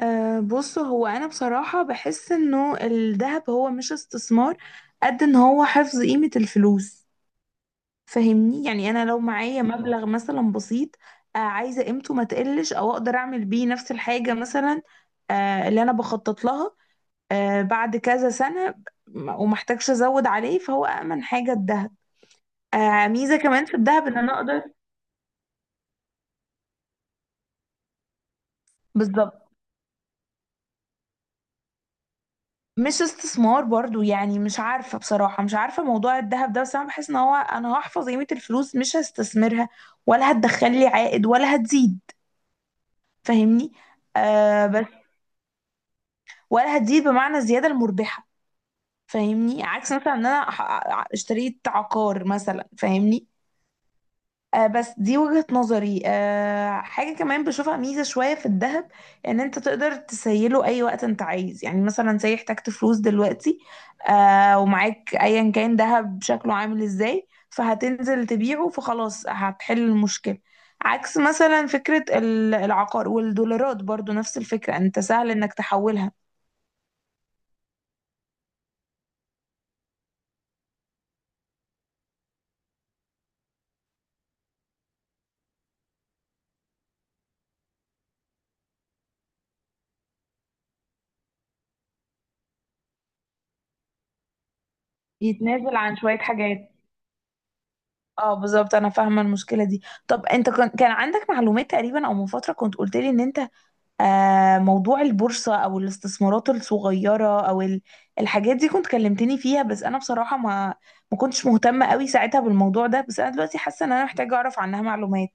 بص، هو أنا بصراحة بحس إنه الذهب هو مش استثمار. قد إن هو حفظ قيمة الفلوس. فاهمني؟ يعني أنا لو معايا مبلغ مثلا بسيط، عايزة قيمته ما تقلش أو أقدر أعمل بيه نفس الحاجة مثلا، اللي أنا بخطط لها بعد كذا سنة ومحتاجش أزود عليه، فهو أأمن حاجة الذهب. ميزة كمان في الذهب إن أنا أقدر. بالظبط. مش استثمار برضو، يعني مش عارفة بصراحة، مش عارفة موضوع الذهب ده، بس أنا بحس إن هو أنا هحفظ قيمة الفلوس، مش هستثمرها ولا هتدخل لي عائد ولا هتزيد. فاهمني؟ بس ولا هتزيد بمعنى الزيادة المربحة. فاهمني؟ عكس مثلا إن أنا اشتريت عقار مثلا. فاهمني؟ بس دي وجهة نظري. حاجة كمان بشوفها ميزة شوية في الذهب، ان انت تقدر تسيله اي وقت انت عايز، يعني مثلا زي احتجت فلوس دلوقتي، ومعاك ايا كان ذهب شكله عامل ازاي، فهتنزل تبيعه فخلاص هتحل المشكلة. عكس مثلا فكرة العقار والدولارات، برضو نفس الفكرة انت سهل انك تحولها. يتنازل عن شوية حاجات. اه، بالظبط، انا فاهمة المشكلة دي. طب انت كان عندك معلومات تقريبا، او من فترة كنت قلت لي ان انت، موضوع البورصة أو الاستثمارات الصغيرة أو الحاجات دي كنت كلمتني فيها، بس أنا بصراحة ما كنتش مهتمة قوي ساعتها بالموضوع ده، بس أنا دلوقتي حاسة إن أنا محتاجة أعرف عنها معلومات.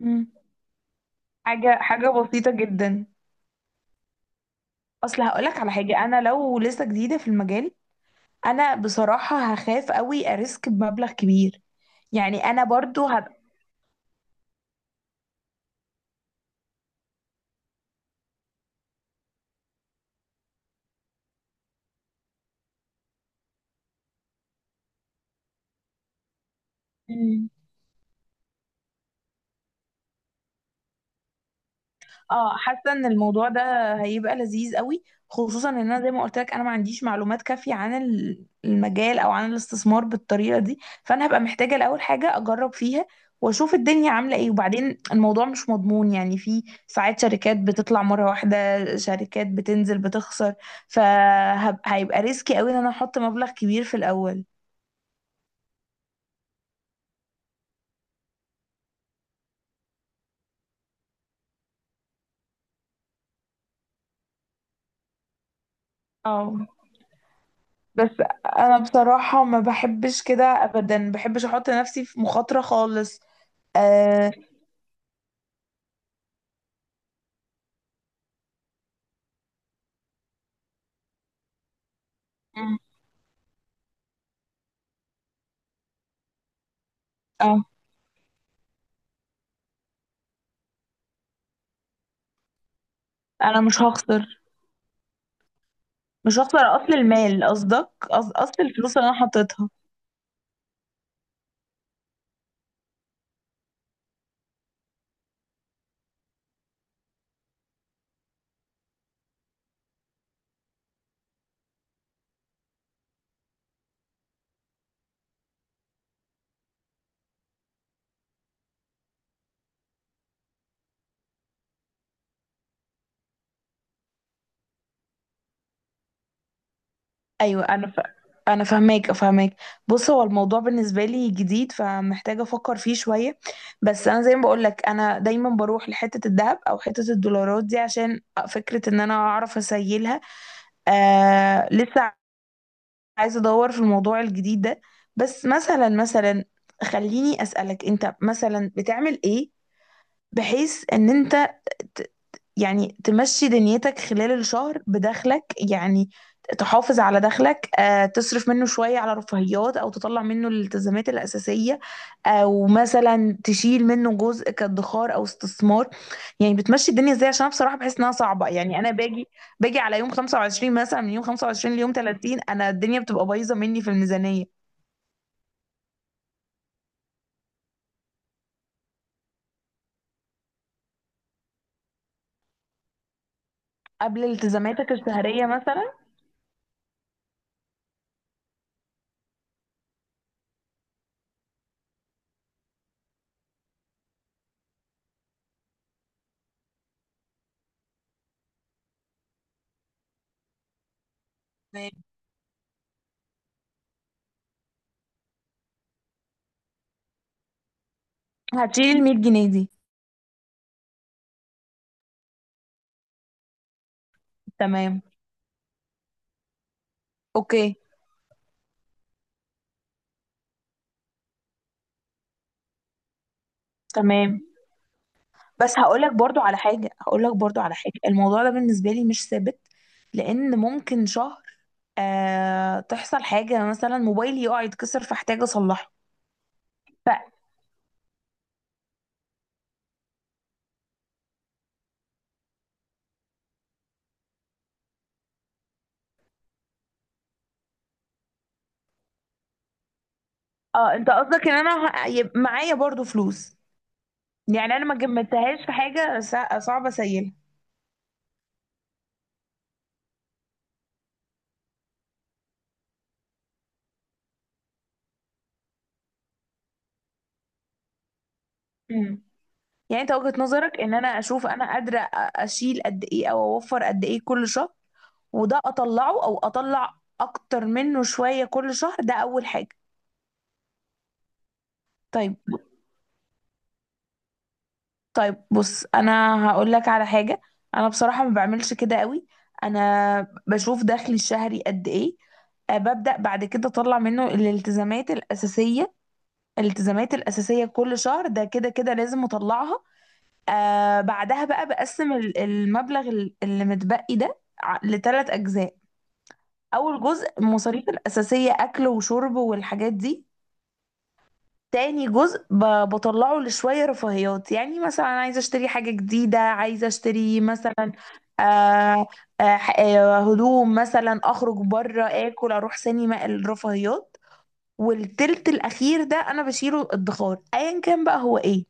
مم. حاجة بسيطة جدا. أصل هقولك على حاجة، أنا لو لسه جديدة في المجال، أنا بصراحة هخاف قوي أريسك بمبلغ كبير، يعني أنا برضو. هبقى. اه حاسه ان الموضوع ده هيبقى لذيذ قوي، خصوصا ان انا زي ما قلت لك انا ما عنديش معلومات كافيه عن المجال او عن الاستثمار بالطريقه دي، فانا هبقى محتاجه الاول حاجه اجرب فيها واشوف الدنيا عامله ايه. وبعدين الموضوع مش مضمون، يعني في ساعات شركات بتطلع مره واحده، شركات بتنزل بتخسر. فهيبقى ريسكي قوي ان انا احط مبلغ كبير في الاول. اه، بس انا بصراحه ما بحبش كده ابدا، ما بحبش احط نفسي في مخاطره خالص. أه اه، انا مش هخسر. مش هخسر اصل المال، قصدك اصل الفلوس اللي انا حطيتها. ايوه، انا فاهماك فاهماك. بص، هو الموضوع بالنسبه لي جديد، فمحتاجه افكر فيه شويه. بس انا زي ما بقول لك، انا دايما بروح لحته الذهب او حته الدولارات دي عشان فكره ان انا اعرف اسيلها. لسه عايزه ادور في الموضوع الجديد ده. بس مثلا خليني اسالك، انت مثلا بتعمل ايه بحيث ان انت، ت- يعني تمشي دنيتك خلال الشهر بدخلك، يعني تحافظ على دخلك، تصرف منه شوية على رفاهيات، أو تطلع منه الالتزامات الأساسية، أو مثلا تشيل منه جزء كادخار أو استثمار. يعني بتمشي الدنيا ازاي؟ عشان أنا بصراحة بحس إنها صعبة، يعني أنا باجي على يوم 25 مثلا، من يوم 25 ليوم 30 أنا الدنيا بتبقى بايظة مني في الميزانية. قبل التزاماتك الشهرية مثلا؟ تمام. هتشيل ال 100 جنيه دي؟ تمام. اوكي. تمام. بس هقولك برضو على حاجة، الموضوع ده بالنسبة لي مش ثابت، لأن ممكن شهر تحصل حاجة، مثلا موبايلي يقع يتكسر فاحتاج أصلحه. ف اه، انت قصدك ان انا يبقى معايا برضو فلوس، يعني انا ما جمدتهاش في حاجة صعبة سيئة. مم. يعني انت وجهة نظرك ان انا اشوف انا قادرة اشيل قد ايه او اوفر قد ايه كل شهر، وده اطلعه او اطلع اكتر منه شوية كل شهر. ده اول حاجة. طيب. طيب بص، انا هقول لك على حاجه، انا بصراحه ما بعملش كده قوي. انا بشوف دخلي الشهري قد ايه، ببدا بعد كده اطلع منه الالتزامات الاساسيه. الالتزامات الاساسيه كل شهر ده كده كده لازم اطلعها. بعدها بقى بقسم المبلغ اللي متبقي ده لثلاث اجزاء. اول جزء المصاريف الاساسيه، اكل وشرب والحاجات دي. تاني جزء بطلعه لشوية رفاهيات، يعني مثلا عايزة اشتري حاجة جديدة، عايزة اشتري مثلا، آه هدوم مثلا، اخرج بره، اكل، اروح سينما، الرفاهيات. والتلت الاخير ده انا بشيله الادخار، ايا كان بقى هو ايه.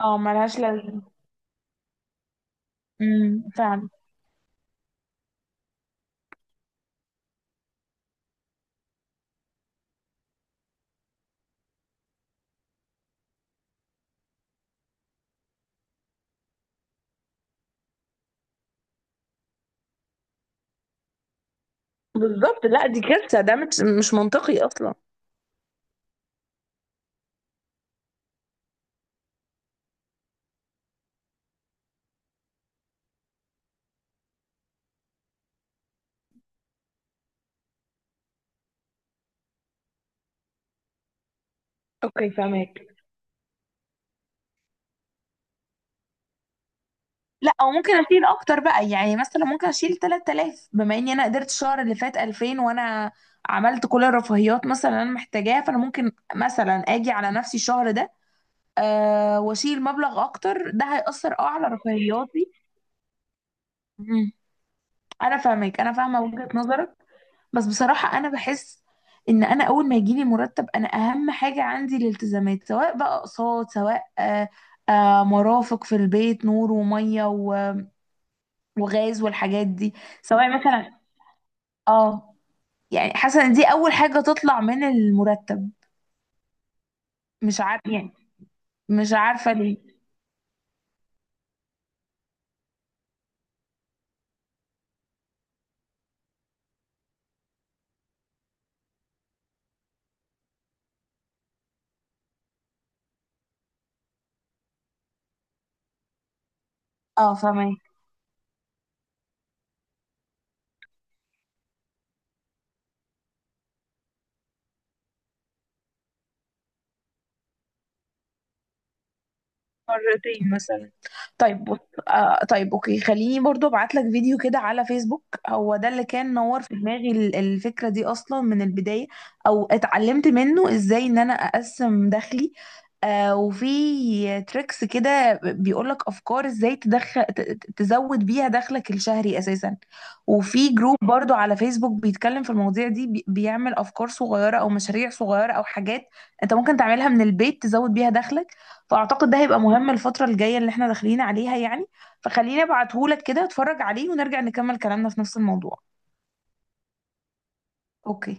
اه، ملهاش لازمة. فعلا. بالظبط. لا، دي كارثة، ده مش منطقي اصلا. اوكي، فهمك. لا، او ممكن اشيل اكتر بقى، يعني مثلا ممكن اشيل 3000، بما اني انا قدرت الشهر اللي فات 2000، وانا عملت كل الرفاهيات مثلا اللي انا محتاجاها، فانا ممكن مثلا اجي على نفسي الشهر ده، واشيل مبلغ اكتر، ده هيأثر على رفاهياتي. مم. انا فاهمك، انا فاهمه وجهة نظرك. بس بصراحه انا بحس ان انا اول ما يجيلي مرتب انا اهم حاجه عندي الالتزامات، سواء بقى اقساط، سواء مرافق في البيت، نور وميه وغاز والحاجات دي، سواء مثلا. اه يعني حاسه ان دي اول حاجه تطلع من المرتب. مش عارفه، يعني مش عارفه ليه. اه، فاهمه. مرتين مثلا. طيب بص، طيب اوكي، خليني برضو ابعت لك فيديو كده على فيسبوك، هو ده اللي كان نور في دماغي الفكرة دي اصلا من البداية، او اتعلمت منه ازاي ان انا اقسم دخلي، وفي تريكس كده بيقول لك افكار ازاي تدخل تزود بيها دخلك الشهري اساسا. وفي جروب برضو على فيسبوك بيتكلم في المواضيع دي، بيعمل افكار صغيرة او مشاريع صغيرة او حاجات انت ممكن تعملها من البيت تزود بيها دخلك. فاعتقد ده هيبقى مهم الفترة الجاية اللي احنا داخلين عليها، يعني. فخليني ابعتهولك كده اتفرج عليه ونرجع نكمل كلامنا في نفس الموضوع. اوكي.